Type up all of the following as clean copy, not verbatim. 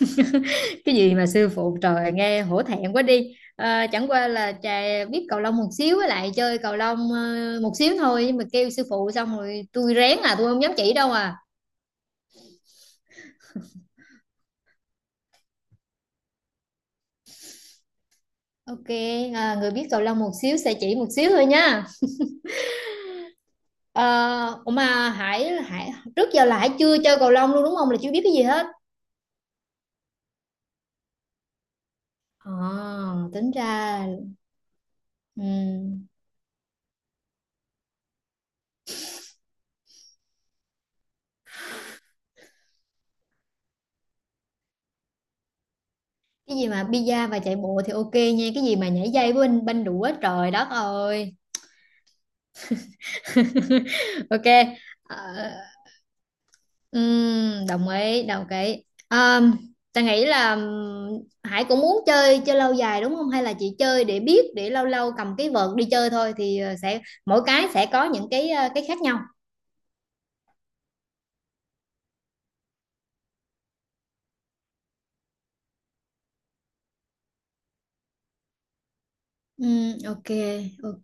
Cái gì mà sư phụ, trời, nghe hổ thẹn quá đi. Ờ, chẳng qua là trà biết cầu lông một xíu, với lại chơi cầu lông một xíu thôi, nhưng mà kêu sư phụ xong rồi tôi rén, à tôi không dám chỉ đâu à. Ok. Người biết cầu lông một xíu sẽ chỉ một xíu thôi nha. Ờ, ủa mà Hải Hải trước giờ là Hải chưa chơi cầu lông luôn đúng không, là chưa biết cái gì hết. Ờ, tính ra ừm, cái gì mà bida và chạy bộ thì ok nha, cái gì mà nhảy dây với banh banh đũa, trời đất ơi. Ok. Ờ, Ừm, đồng ý đồng ý. Um, ta nghĩ là Hải cũng muốn chơi chơi lâu dài đúng không, hay là chị chơi để biết, để lâu lâu cầm cái vợt đi chơi thôi, thì sẽ mỗi cái sẽ có những cái cái khác nhau. Ừ, ok ok.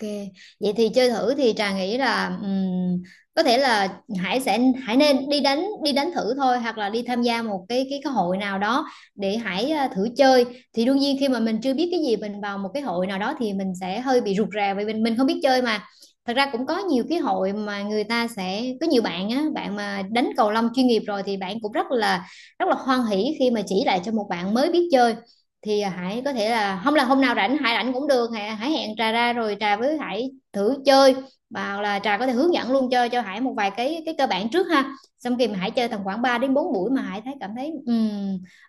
Vậy thì chơi thử thì Trà nghĩ là có thể là Hải sẽ Hải nên đi đánh, đi đánh thử thôi, hoặc là đi tham gia một cái cái hội nào đó để Hải thử chơi. Thì đương nhiên khi mà mình chưa biết cái gì, mình vào một cái hội nào đó thì mình sẽ hơi bị rụt rè, vì mình không biết chơi mà. Thật ra cũng có nhiều cái hội mà người ta sẽ có nhiều bạn á, bạn mà đánh cầu lông chuyên nghiệp rồi thì bạn cũng rất là hoan hỉ khi mà chỉ lại cho một bạn mới biết chơi. Thì Hải có thể là, không là hôm nào rảnh Hải rảnh cũng được, Hải hẹn Trà ra rồi Trà với Hải thử chơi. Và là Trà có thể hướng dẫn luôn cho Hải một vài cái cơ bản trước ha, xong khi mà Hải chơi tầm khoảng 3 đến 4 buổi mà Hải thấy cảm thấy ừm,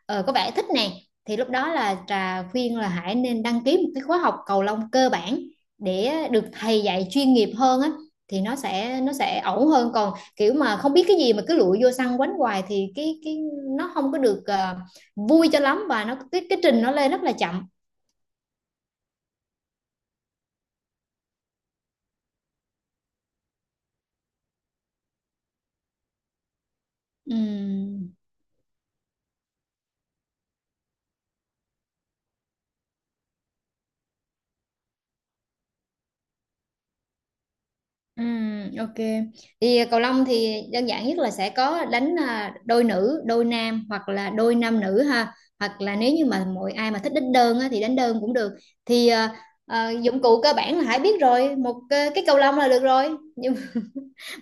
ờ, có vẻ thích nè, thì lúc đó là Trà khuyên là Hải nên đăng ký một cái khóa học cầu lông cơ bản để được thầy dạy chuyên nghiệp hơn á. Thì nó sẽ ổn hơn, còn kiểu mà không biết cái gì mà cứ lụi vô sân quánh hoài thì cái nó không có được vui cho lắm, và nó cái trình nó lên rất là chậm. Ừm, ok. Thì cầu lông thì đơn giản nhất là sẽ có đánh đôi nữ đôi nam, hoặc là đôi nam nữ ha. Hoặc là nếu như mà mọi ai mà thích đánh đơn á thì đánh đơn cũng được. Thì dụng cụ cơ bản là Hải biết rồi, một cái cầu lông là được rồi.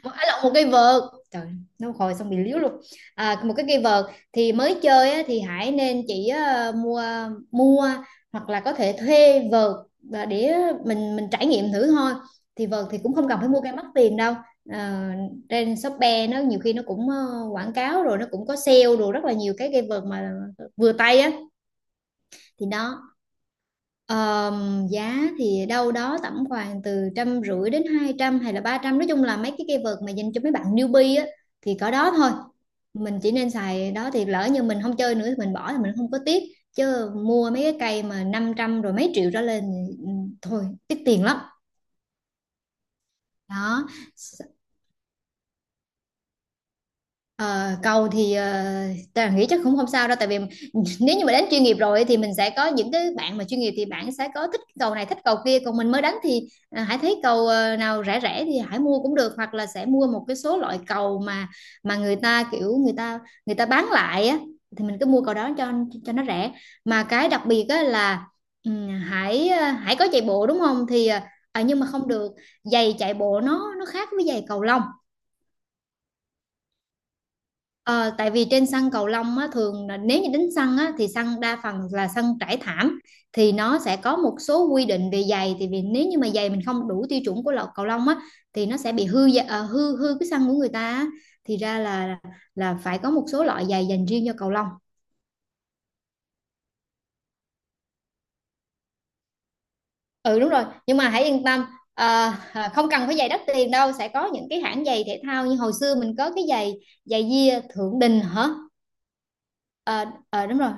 Một, à, lộn, một cây vợt. Trời, nó hồi xong bị liếu luôn. À, một cái cây vợt. Thì mới chơi á thì Hải nên chỉ mua mua, hoặc là có thể thuê vợt, và để mình trải nghiệm thử thôi. Thì vợt thì cũng không cần phải mua cây mắc tiền đâu. Ờ, trên Shopee nó nhiều khi nó cũng quảng cáo, rồi nó cũng có sale rồi rất là nhiều cái cây vợt mà vừa tay á. Thì đó. Ờ, giá thì đâu đó tầm khoảng từ 150 đến 200 hay là 300, nói chung là mấy cái keyword mà dành cho mấy bạn newbie á, thì có đó thôi. Mình chỉ nên xài đó, thì lỡ như mình không chơi nữa thì mình bỏ thì mình không có tiếc. Chứ mua mấy cái cây mà 500 rồi mấy triệu trở lên thì, thôi tiếc tiền lắm. Đó. Ờ, cầu thì ta nghĩ chắc cũng không sao đâu, tại vì nếu như mà đánh chuyên nghiệp rồi thì mình sẽ có những cái bạn mà chuyên nghiệp thì bạn sẽ có thích cầu này thích cầu kia, còn mình mới đánh thì hãy thấy cầu nào rẻ rẻ thì hãy mua cũng được, hoặc là sẽ mua một cái số loại cầu mà người ta kiểu người ta bán lại á, thì mình cứ mua cầu đó cho nó rẻ. Mà cái đặc biệt á là hãy có chạy bộ đúng không, thì nhưng mà không được, giày chạy bộ nó khác với giày cầu lông. Ờ, tại vì trên sân cầu lông á, thường là nếu như đánh sân á thì sân đa phần là sân trải thảm, thì nó sẽ có một số quy định về giày. Thì vì nếu như mà giày mình không đủ tiêu chuẩn của lọ cầu lông á, thì nó sẽ bị hư gia- ờ, hư hư cái sân của người ta á. Thì ra là phải có một số loại giày dành riêng cho cầu lông. Ừ đúng rồi, nhưng mà hãy yên tâm, ờ, không cần phải giày đắt tiền đâu, sẽ có những cái hãng giày thể thao như hồi xưa mình có cái giày giày Gia thượng đình hả. Ờ, đúng rồi.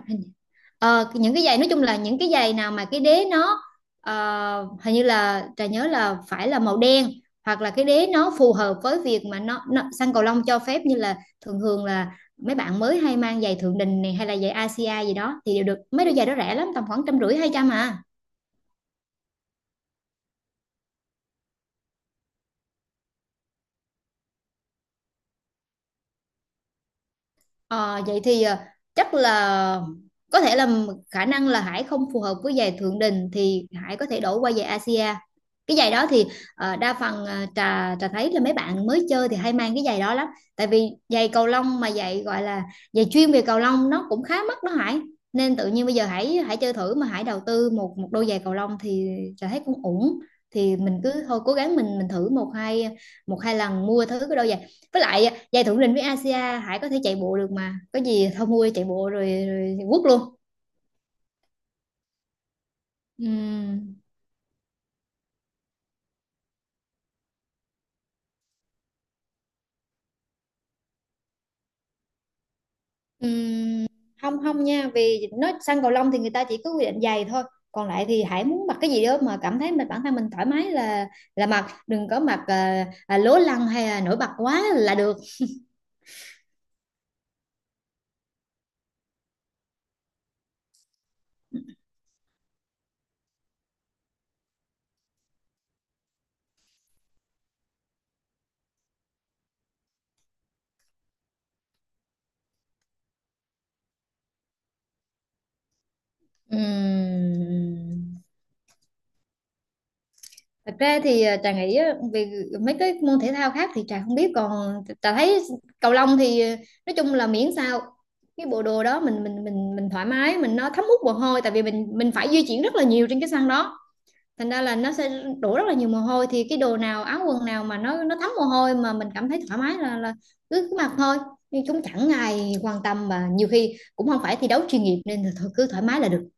Những cái giày nói chung là những cái giày nào mà cái đế nó ờ, hình như là Trà nhớ là phải là màu đen, hoặc là cái đế nó phù hợp với việc mà nó sang cầu lông cho phép, như là thường thường là mấy bạn mới hay mang giày Thượng Đình này hay là giày Asia gì đó thì đều được, mấy đôi giày đó rẻ lắm tầm khoảng 150 200 à. Ờ, vậy thì chắc là có thể là khả năng là Hải không phù hợp với giày Thượng Đình, thì Hải có thể đổi qua giày Asia. Cái giày đó thì đa phần trà trà thấy là mấy bạn mới chơi thì hay mang cái giày đó lắm. Tại vì giày cầu lông mà giày gọi là giày chuyên về cầu lông nó cũng khá mắc đó Hải. Nên tự nhiên bây giờ Hải Hải chơi thử mà Hải đầu tư một một đôi giày cầu lông thì trà thấy cũng ổn. Thì mình cứ thôi cố gắng mình thử một hai lần mua thử cái đôi giày, với lại giải thưởng rình với Asia Hải có thể chạy bộ được mà, có gì thôi mua chạy bộ rồi quất luôn. Ừm, ừm, không không nha, vì nói sang cầu lông thì người ta chỉ có quy định giày thôi, còn lại thì Hải muốn mặc cái gì đó mà cảm thấy mình bản thân mình thoải mái là mặc, đừng có mặc lố lăng hay là nổi bật quá là được. Ừm. Thật ra thì Trà nghĩ á, về mấy cái môn thể thao khác thì Trà không biết, còn Trà thấy cầu lông thì nói chung là miễn sao cái bộ đồ đó mình thoải mái, mình nó thấm hút mồ hôi, tại vì mình phải di chuyển rất là nhiều trên cái sân đó, thành ra là nó sẽ đổ rất là nhiều mồ hôi, thì cái đồ nào áo quần nào mà nó thấm mồ hôi mà mình cảm thấy thoải mái là cứ cứ mặc thôi. Nhưng chúng chẳng ai quan tâm và nhiều khi cũng không phải thi đấu chuyên nghiệp, nên là thôi cứ thoải mái là được.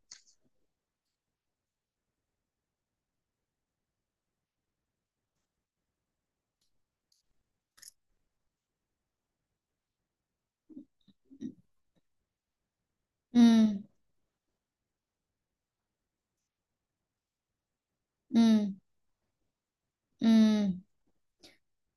Ừ ừ ừ.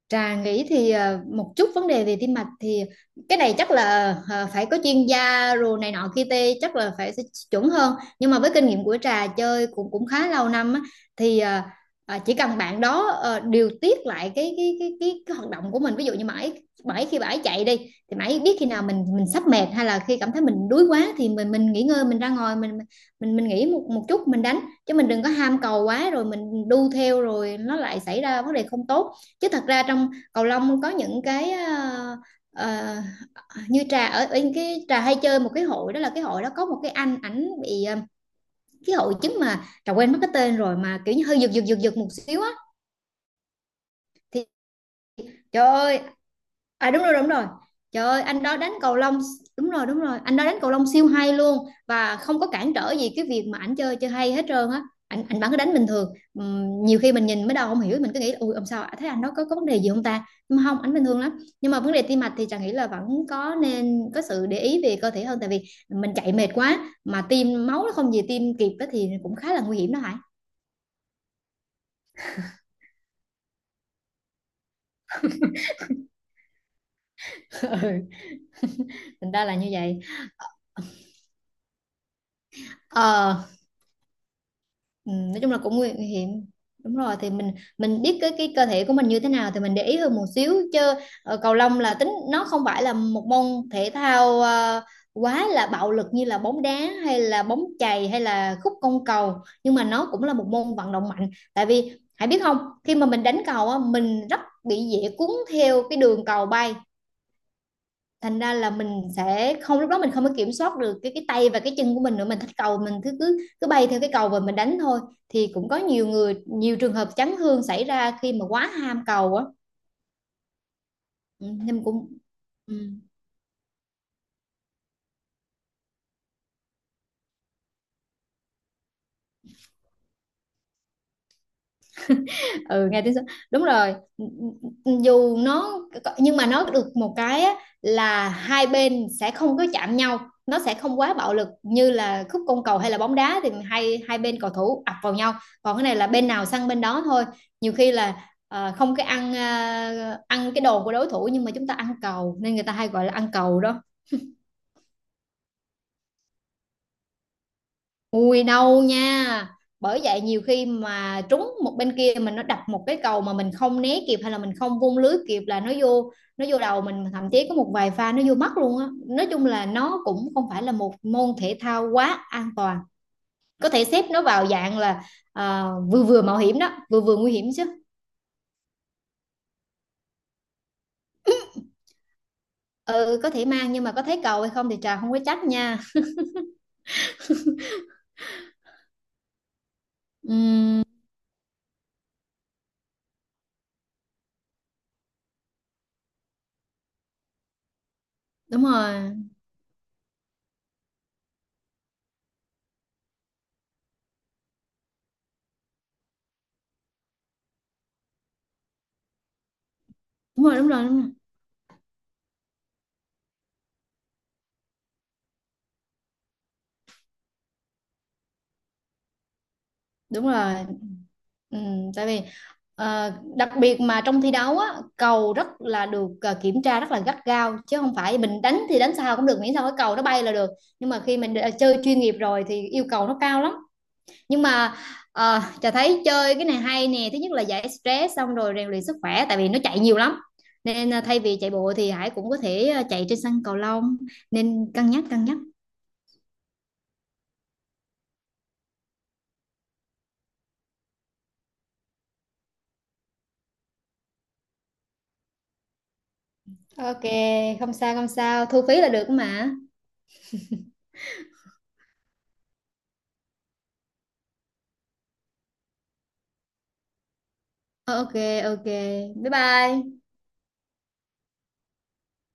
Trà nghĩ thì một chút vấn đề về tim mạch thì cái này chắc là phải có chuyên gia rồi này nọ kia tê chắc là phải sẽ chuẩn hơn, nhưng mà với kinh nghiệm của Trà chơi cũng cũng khá lâu năm á, thì chỉ cần bạn đó điều tiết lại cái hoạt động của mình, ví dụ như mãi mãi khi bãi chạy đi thì mãi biết khi nào mình sắp mệt, hay là khi cảm thấy mình đuối quá thì mình nghỉ ngơi, mình ra ngoài mình nghỉ một một chút mình đánh, chứ mình đừng có ham cầu quá rồi mình đu theo rồi nó lại xảy ra vấn đề không tốt. Chứ thật ra trong cầu lông có những cái ờ, như trà ở cái trà hay chơi một cái hội đó, là cái hội đó có một cái anh ảnh bị cái hội chứng mà trà quên mất cái tên rồi, mà kiểu như hơi giật giật giật giật một xíu á. Thì trời ơi. À, đúng rồi đúng rồi. Trời ơi anh đó đánh cầu lông. Đúng rồi đúng rồi anh đó đánh cầu lông siêu hay luôn, và không có cản trở gì cái việc mà ảnh chơi chơi hay hết trơn á. Anh bắn cái đánh bình thường. Nhiều khi mình nhìn mới đầu không hiểu mình cứ nghĩ là, ui làm sao thấy anh đó có vấn đề gì không ta. Nhưng mà không, ảnh bình thường lắm. Nhưng mà vấn đề tim mạch thì Trà nghĩ là vẫn có, nên có sự để ý về cơ thể hơn, tại vì mình chạy mệt quá mà tim máu nó không về tim kịp á thì cũng khá là nguy hiểm đó Hải. Ừ, thành ra là như vậy. Ờ. Ừ, nói chung là cũng nguy hiểm, đúng rồi. Thì mình biết cái cơ thể của mình như thế nào thì mình để ý hơn một xíu chứ. Cầu lông là tính nó không phải là một môn thể thao quá là bạo lực như là bóng đá hay là bóng chày hay là khúc côn cầu, nhưng mà nó cũng là một môn vận động mạnh, tại vì hãy biết không, khi mà mình đánh cầu á, mình rất bị dễ cuốn theo cái đường cầu bay, thành ra là mình sẽ không, lúc đó mình không có kiểm soát được cái tay và cái chân của mình nữa, mình thích cầu mình cứ cứ cứ bay theo cái cầu và mình đánh thôi. Thì cũng có nhiều người, nhiều trường hợp chấn thương xảy ra khi mà quá ham cầu á. Ừ, nên cũng. Ừ. Ừ, nghe tiếng sấm, đúng rồi. Dù nó, nhưng mà nó được một cái á, là hai bên sẽ không có chạm nhau, nó sẽ không quá bạo lực như là khúc côn cầu hay là bóng đá thì hai hai bên cầu thủ ập vào nhau, còn cái này là bên nào săn bên đó thôi. Nhiều khi là không cái ăn, ăn cái đồ của đối thủ, nhưng mà chúng ta ăn cầu nên người ta hay gọi là ăn cầu đó. Ui đâu nha. Bởi vậy nhiều khi mà trúng một bên kia, mình nó đập một cái cầu mà mình không né kịp hay là mình không vung lưới kịp là nó vô. Nó vô đầu mình, thậm chí có một vài pha nó vô mắt luôn á. Nói chung là nó cũng không phải là một môn thể thao quá an toàn. Có thể xếp nó vào dạng là Vừa vừa mạo hiểm đó, Vừa vừa nguy hiểm chứ. Ừ có thể mang, nhưng mà có thấy cầu hay không thì Trà không có trách nha. Ừ, Đúng rồi đúng rồi. Đúng rồi Đúng rồi. Ừ, tại vì ờ, đặc biệt mà trong thi đấu á, cầu rất là được kiểm tra rất là gắt gao, chứ không phải mình đánh thì đánh sao cũng được miễn sao cái cầu nó bay là được, nhưng mà khi mình đã chơi chuyên nghiệp rồi thì yêu cầu nó cao lắm. Nhưng mà Trà thấy chơi cái này hay nè, thứ nhất là giải stress, xong rồi rèn luyện sức khỏe tại vì nó chạy nhiều lắm, nên thay vì chạy bộ thì Hải cũng có thể chạy trên sân cầu lông. Nên cân nhắc cân nhắc. OK, không sao không sao, thu phí là được mà. Ờ, OK. OK. Bye bye.